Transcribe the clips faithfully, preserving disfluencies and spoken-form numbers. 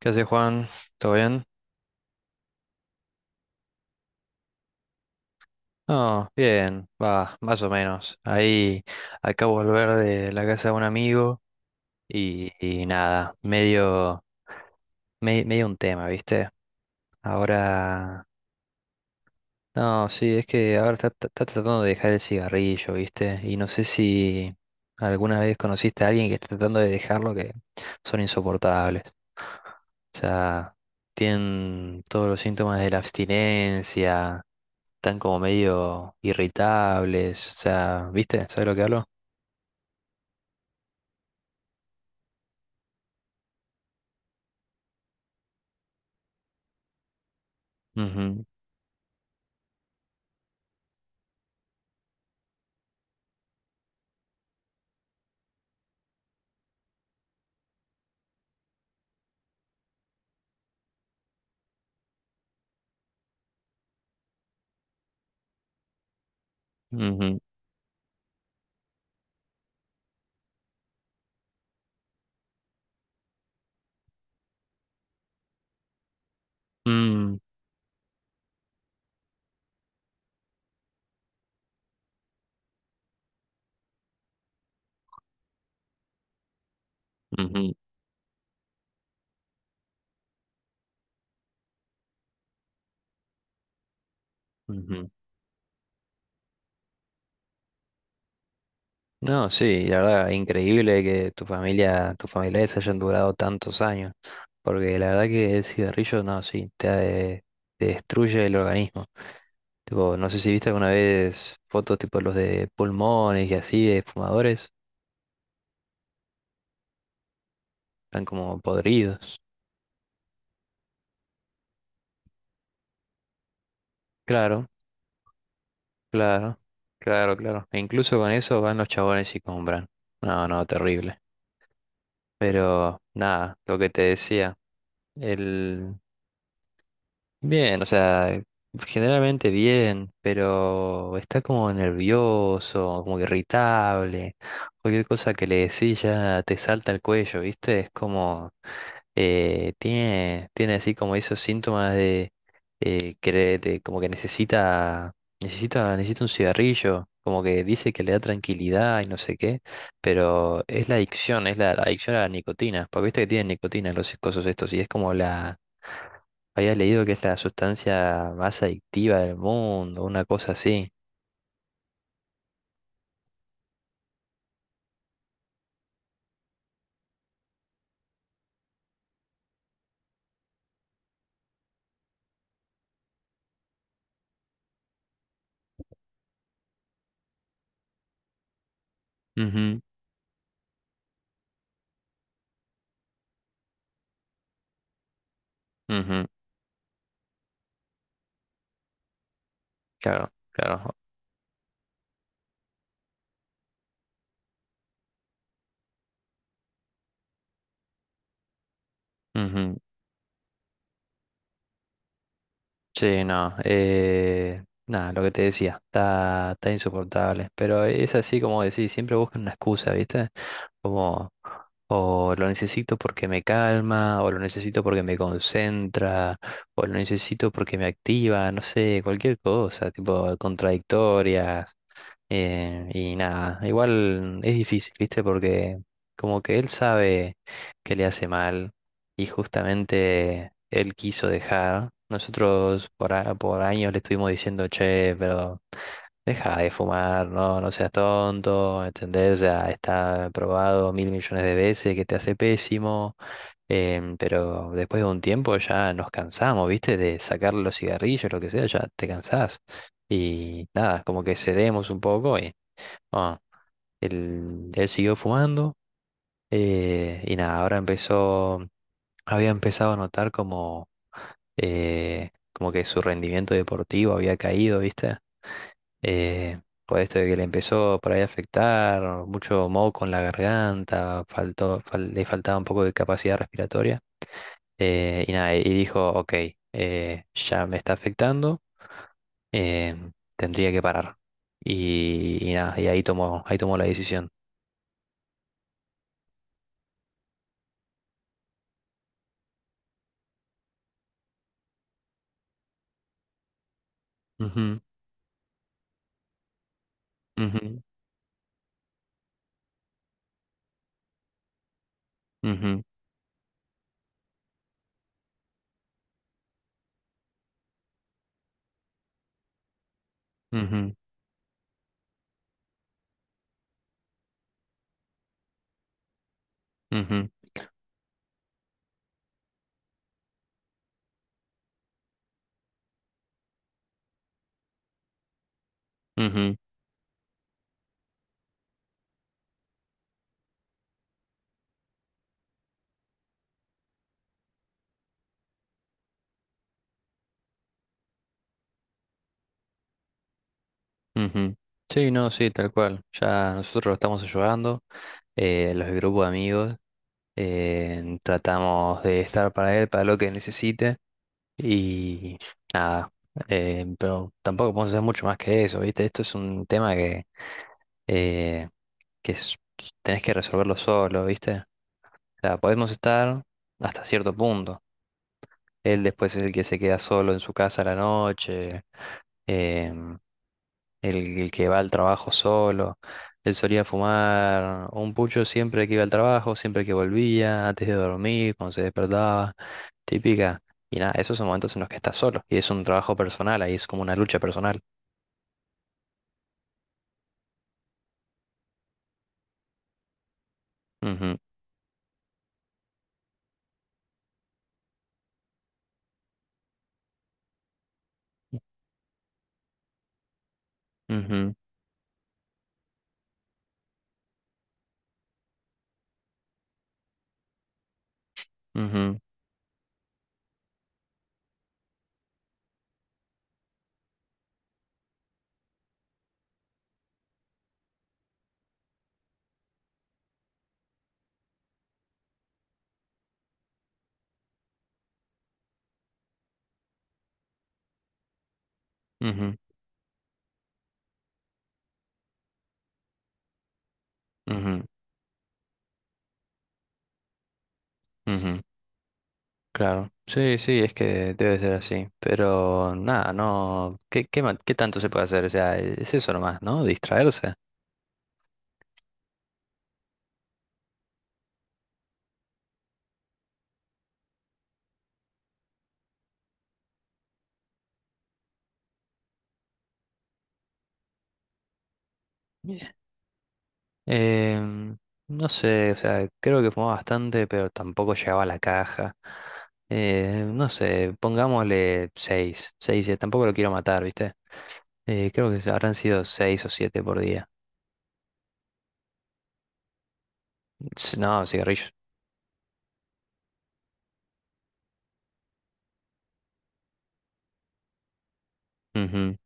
¿Qué hace Juan? ¿Todo bien? No, bien, va, más o menos. Ahí acabo de volver de la casa de un amigo y, y nada, medio, me- medio un tema, ¿viste? Ahora, no, sí, es que ahora está, está- está tratando de dejar el cigarrillo, ¿viste? Y no sé si alguna vez conociste a alguien que está tratando de dejarlo, que son insoportables. O sea, tienen todos los síntomas de la abstinencia, están como medio irritables, o sea, ¿viste? ¿Sabes lo que hablo? Ujú, ujú, mm, ujú, ujú. No, sí, la verdad, increíble que tu familia, tus familiares hayan durado tantos años, porque la verdad que el cigarrillo, no, sí, te, de- te destruye el organismo. Tipo, no sé si viste alguna vez fotos tipo los de pulmones y así de fumadores. Están como podridos. Claro, claro, claro, claro. E incluso con eso van los chabones y compran. No, no, terrible. Pero nada, lo que te decía, el, Bien, o sea, generalmente bien, pero está como nervioso, como irritable. Cualquier cosa que le decís ya te salta al cuello, ¿viste? Es como, eh, tiene, tiene así como esos síntomas de, eh, que, de- como que necesita, necesita, necesita un cigarrillo, como que dice que le da tranquilidad y no sé qué, pero es la adicción, es la, la adicción a la nicotina, porque viste que tienen nicotina los cosos estos y es como la... Había leído que es la sustancia más adictiva del mundo, una cosa así. Ujú, ujú. Claro, claro. Ujú. Sí, no. Eh, nada, lo que te decía, está, está insoportable. Pero es así como decís, siempre buscan una excusa, ¿viste? Como, o lo necesito porque me calma, o lo necesito porque me concentra, o lo necesito porque me activa, no sé, cualquier cosa, tipo contradictorias. Eh, y nada, igual es difícil, ¿viste? Porque como que él sabe que le hace mal y justamente él quiso dejar. Nosotros por, a- por años le estuvimos diciendo, che, pero deja de fumar, no, no seas tonto, ¿entendés? Ya está probado mil millones de veces que te hace pésimo. Em, pero después de un tiempo ya nos cansamos, ¿viste? De sacarle los cigarrillos, lo que sea, ya te cansás. Y nada, como que cedemos un poco y ah, él, él siguió fumando, eh, y nada, ahora empezó, había empezado a notar como, eh, como que su rendimiento deportivo había caído, ¿viste? Eh, por esto de que le empezó por ahí a afectar, mucho moco en la garganta, faltó, fal- le faltaba un poco de capacidad respiratoria. Eh, y nada, y dijo, ok, eh, ya me está afectando, eh, tendría que parar. Y, y nada, y ahí tomó, ahí tomó la decisión. Ujú, ujú, ujú, ujú. Ujú, ujú, ujú. Sí, no, sí, tal cual. Ya nosotros lo estamos ayudando, eh, los del grupo de amigos, eh, tratamos de estar para él, para lo que necesite y nada, eh, pero tampoco podemos hacer mucho más que eso, ¿viste? Esto es un tema que, eh, que es- tenés que resolverlo solo, ¿viste? O sea, podemos estar hasta cierto punto. Él después es el que se queda solo en su casa a la noche. em, el, el que va al trabajo solo. Él solía fumar un pucho siempre que iba al trabajo, siempre que volvía, antes de dormir, cuando se despertaba. Típica. Y nada, esos son momentos en los que estás solo. Y es un trabajo personal, ahí es como una lucha personal. Ujú, ujú, ujú, ujú, ujú, ujú. Claro. Sí, sí, es que debe ser así. Pero nada, no. ¿Qué, qué, ma- Qué tanto se puede hacer? O sea, es eso nomás, ¿no? Distraerse. Em, no sé, o sea, creo que fumaba bastante, pero tampoco llegaba a la caja. Eh, no sé, pongámosle seis seis 6, tampoco lo quiero matar, ¿viste? Eh, creo que habrán sido seis o siete por día. Ts- No, cigarrillos. Ujú.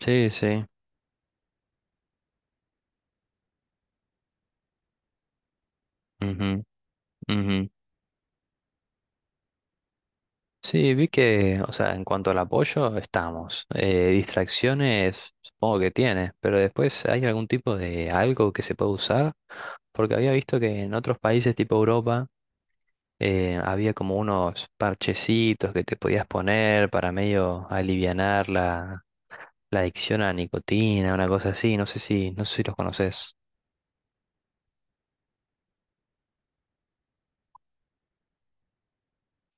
Sí, sí. Ujú, ujú. Sí, vi que, o sea, en cuanto al apoyo, estamos. Eh, distracciones, supongo que tiene, pero después hay algún tipo de algo que se puede usar, porque había visto que en otros países tipo Europa eh, había como unos parchecitos que te podías poner para medio alivianar la, la adicción a la nicotina, una cosa así, no sé si, no sé si los conoces.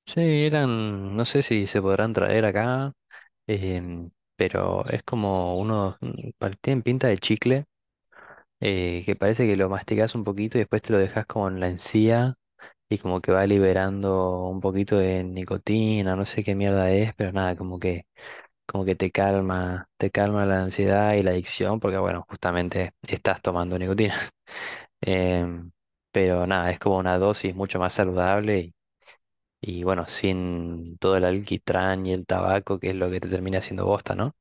Sí, eran, no sé si se podrán traer acá, em, pero es como unos, mm, pa- tienen pinta de chicle, eh, que parece que lo masticas un poquito y después te lo dejas como en la encía y como que va liberando un poquito de nicotina, no sé qué mierda es, pero nada, como que, como que te calma, te calma la ansiedad y la adicción, porque bueno, justamente estás tomando nicotina. Em, pero nada, es como una dosis mucho más saludable y, y bueno, sin todo el alquitrán y el tabaco, que es lo que te termina haciendo bosta, ¿no?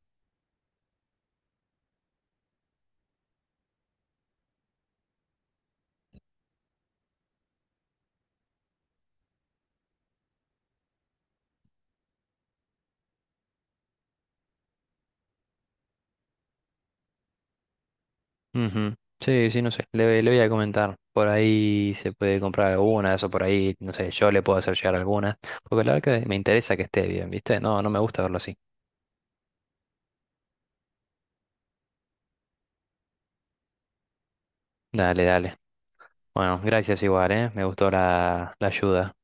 Ujú. Sí, sí, no sé. Le, le voy a comentar. Por ahí se puede comprar algunas, o por ahí, no sé, yo le puedo hacer llegar algunas. Porque la verdad que me interesa que esté bien, ¿viste? No, no me gusta verlo así. Dale, dale. Bueno, gracias igual, ¿eh? Me gustó la, la ayuda.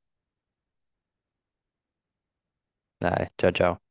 Dale, chao, chao.